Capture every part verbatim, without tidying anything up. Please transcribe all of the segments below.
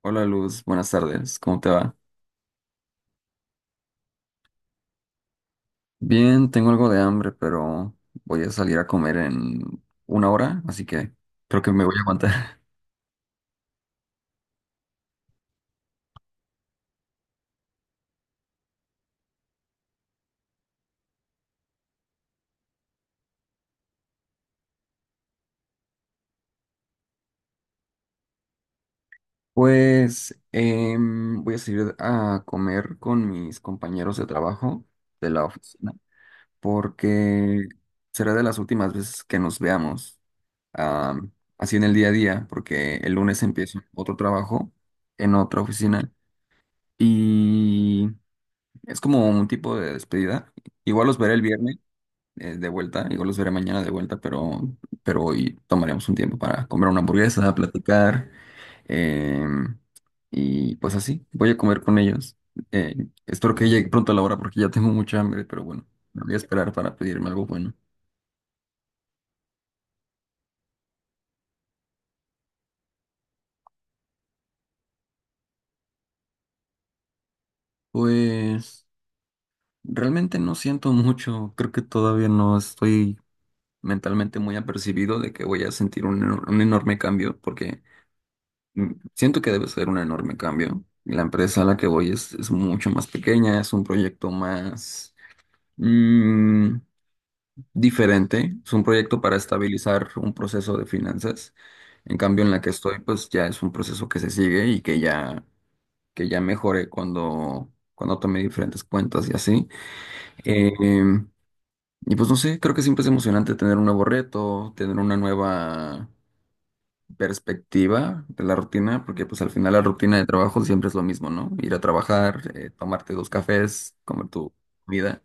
Hola Luz, buenas tardes, ¿cómo te va? Bien, tengo algo de hambre, pero voy a salir a comer en una hora, así que creo que me voy a aguantar. Pues em, voy a salir a comer con mis compañeros de trabajo de la oficina, porque será de las últimas veces que nos veamos am, así en el día a día, porque el lunes empiezo otro trabajo en otra oficina y es como un tipo de despedida. Igual los veré el viernes eh, de vuelta, igual los veré mañana de vuelta, pero, pero hoy tomaremos un tiempo para comer una hamburguesa, platicar, em, y pues así, voy a comer con ellos. Eh, espero que llegue pronto la hora porque ya tengo mucha hambre, pero bueno, me voy a esperar para pedirme algo bueno. Pues realmente no siento mucho, creo que todavía no estoy mentalmente muy apercibido de que voy a sentir un, eno- un enorme cambio porque... Mm, Siento que debe ser un enorme cambio. La empresa a la que voy es, es mucho más pequeña, es un proyecto más mm, diferente, es un proyecto para estabilizar un proceso de finanzas. En cambio, en la que estoy, pues ya es un proceso que se sigue y que ya, que ya mejoré cuando, cuando tomé diferentes cuentas y así. Eh, y pues no sé, creo que siempre es emocionante tener un nuevo reto, tener una nueva perspectiva de la rutina, porque pues al final la rutina de trabajo siempre es lo mismo, ¿no? Ir a trabajar, eh, tomarte dos cafés, comer tu vida,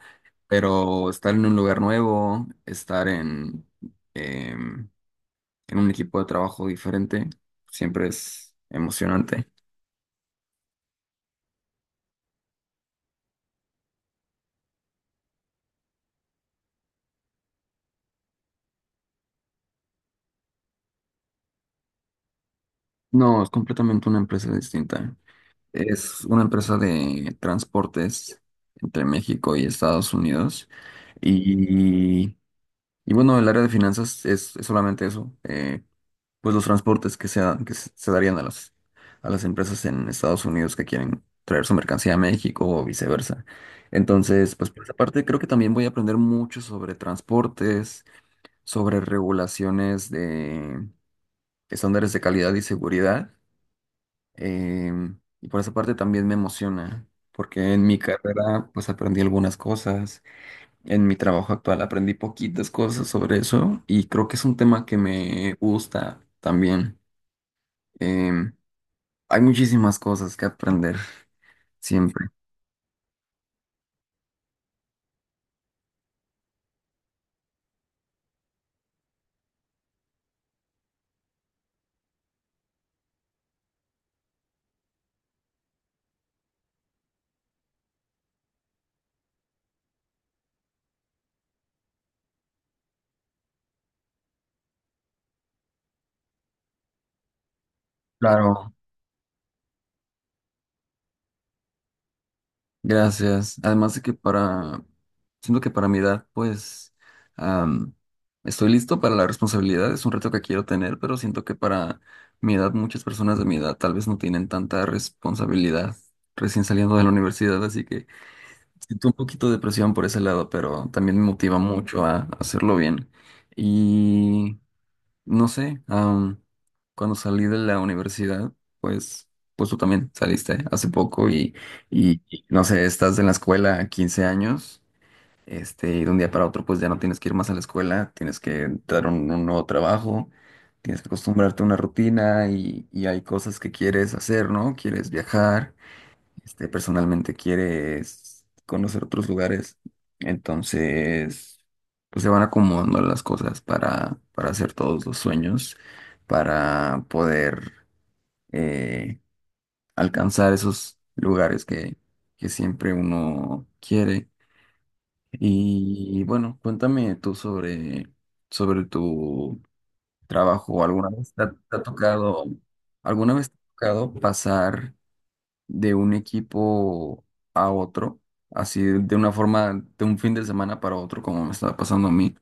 pero estar en un lugar nuevo, estar en, em, en un equipo de trabajo diferente, siempre es emocionante. No, es completamente una empresa distinta. Es una empresa de transportes entre México y Estados Unidos y... Y bueno, el área de finanzas es, es solamente eso, eh, pues los transportes que se, da- que se se darían a las, a las empresas en Estados Unidos que quieren traer su mercancía a México o viceversa. Entonces, pues por esa parte creo que también voy a aprender mucho sobre transportes, sobre regulaciones de estándares de calidad y seguridad. em, y por esa parte también me emociona, porque en mi carrera pues aprendí algunas cosas, en mi trabajo actual aprendí poquitas cosas sobre eso y creo que es un tema que me gusta también. Em, Hay muchísimas cosas que aprender siempre. Claro, gracias. Además de que para, siento que para mi edad, pues, am, estoy listo para la responsabilidad. Es un reto que quiero tener, pero siento que para mi edad, muchas personas de mi edad tal vez no tienen tanta responsabilidad recién saliendo de la universidad. Así que siento un poquito de presión por ese lado, pero también me motiva mucho a hacerlo bien. Y no sé, am, cuando salí de la universidad, pues, pues tú también saliste hace poco y, y, y, no sé, estás en la escuela quince años, este, y de un día para otro pues ya no tienes que ir más a la escuela, tienes que dar un, un nuevo trabajo, tienes que acostumbrarte a una rutina y, y hay cosas que quieres hacer, ¿no? Quieres viajar, este, personalmente quieres conocer otros lugares. Entonces, pues se van acomodando las cosas para, para hacer todos los sueños, para poder eh, alcanzar esos lugares que, que siempre uno quiere. Y bueno, cuéntame tú sobre, sobre tu trabajo. ¿Alguna vez te ha, te ha tocado, alguna vez te ha tocado pasar de un equipo a otro, así de una forma, de un fin de semana para otro, como me está pasando a mí.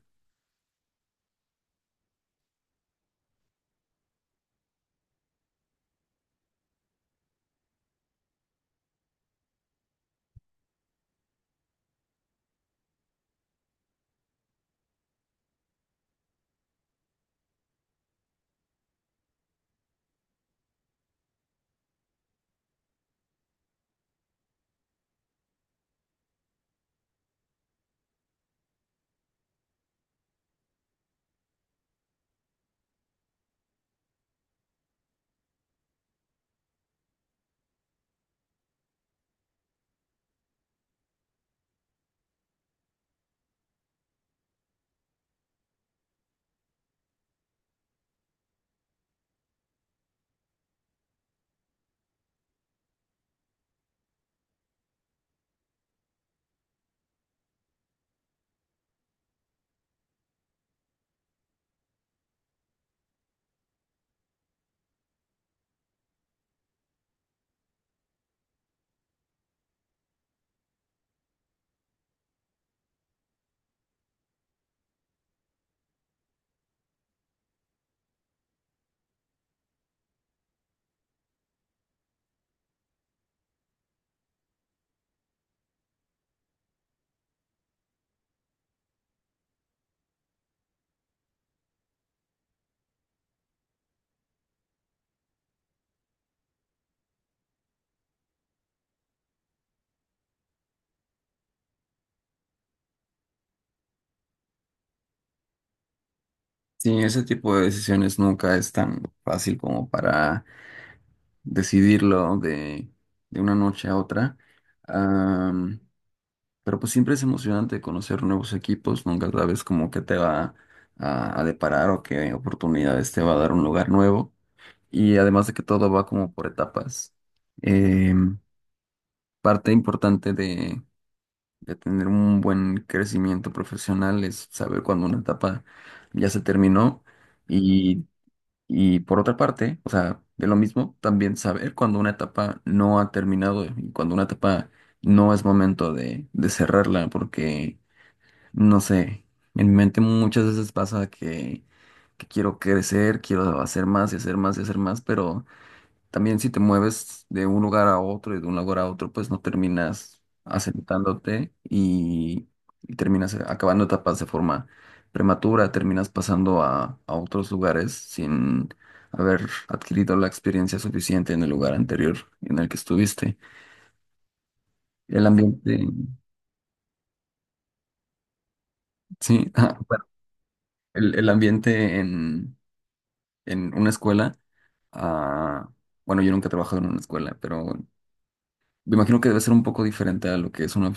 Sí, ese tipo de decisiones nunca es tan fácil como para decidirlo de, de una noche a otra. Am, pero pues siempre es emocionante conocer nuevos equipos, nunca sabes como que te va a, a deparar o qué oportunidades te va a dar un lugar nuevo. Y además de que todo va como por etapas. Em, parte importante de tener un buen crecimiento profesional es saber cuando una etapa ya se terminó y, y por otra parte, o sea, de lo mismo, también saber cuando una etapa no ha terminado y cuando una etapa no es momento de, de cerrarla, porque, no sé, en mi mente muchas veces pasa que, que, quiero crecer, quiero hacer más y hacer más y hacer más, pero. También si te mueves de un lugar a otro y de un lugar a otro, pues no terminas asentándote y, y terminas acabando etapas de forma prematura, terminas pasando a, a otros lugares sin haber adquirido la experiencia suficiente en el lugar anterior en el que estuviste. El ambiente, sí. Ah, bueno, el, el ambiente en, en una escuela. Ah, bueno, yo nunca he trabajado en una escuela, pero me imagino que debe ser un poco diferente a lo que es una.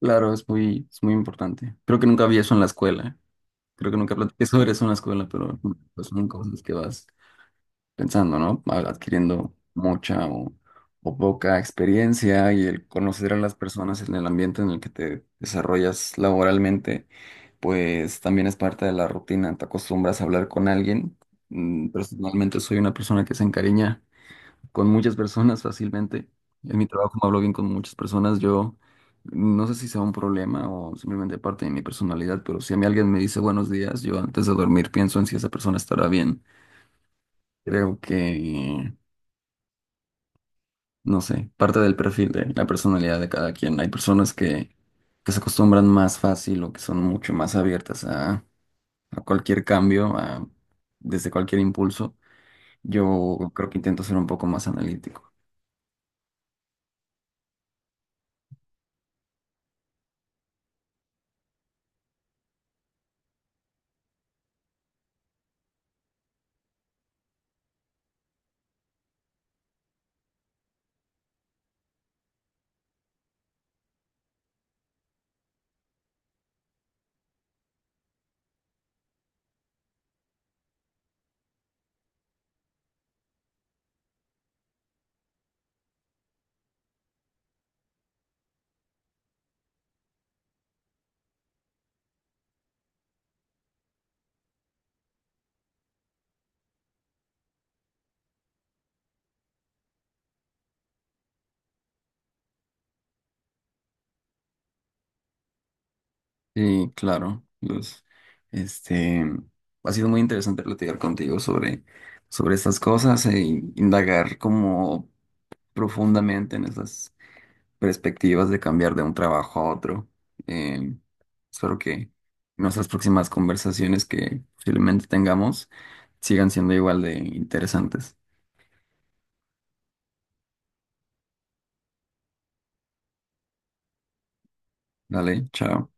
Claro, es muy, es muy importante. Creo que nunca vi eso en la escuela. Creo que nunca platiqué sobre eso en la escuela, pero pues son cosas que vas pensando, ¿no? Al- Adquiriendo mucha o, o poca experiencia y el conocer a las personas en el ambiente en el que te desarrollas laboralmente, pues también es parte de la rutina. Te acostumbras a hablar con alguien. Mm, Personalmente soy una persona que se encariña con muchas personas fácilmente. En mi trabajo, como hablo bien con muchas personas, yo no sé si sea un problema o simplemente parte de mi personalidad, pero si a mí alguien me dice buenos días, yo antes de dormir pienso en si esa persona estará bien. Creo que, no sé, parte del perfil de la personalidad de cada quien. Hay personas que, que, se acostumbran más fácil o que son mucho más abiertas a, a cualquier cambio, a, desde cualquier impulso. Yo creo que intento ser un poco más analítico. Sí, claro. Luz, este, ha sido muy interesante platicar contigo sobre, sobre estas cosas e indagar como profundamente en esas perspectivas de cambiar de un trabajo a otro. Eh, espero que nuestras próximas conversaciones que posiblemente tengamos sigan siendo igual de interesantes. Dale, chao.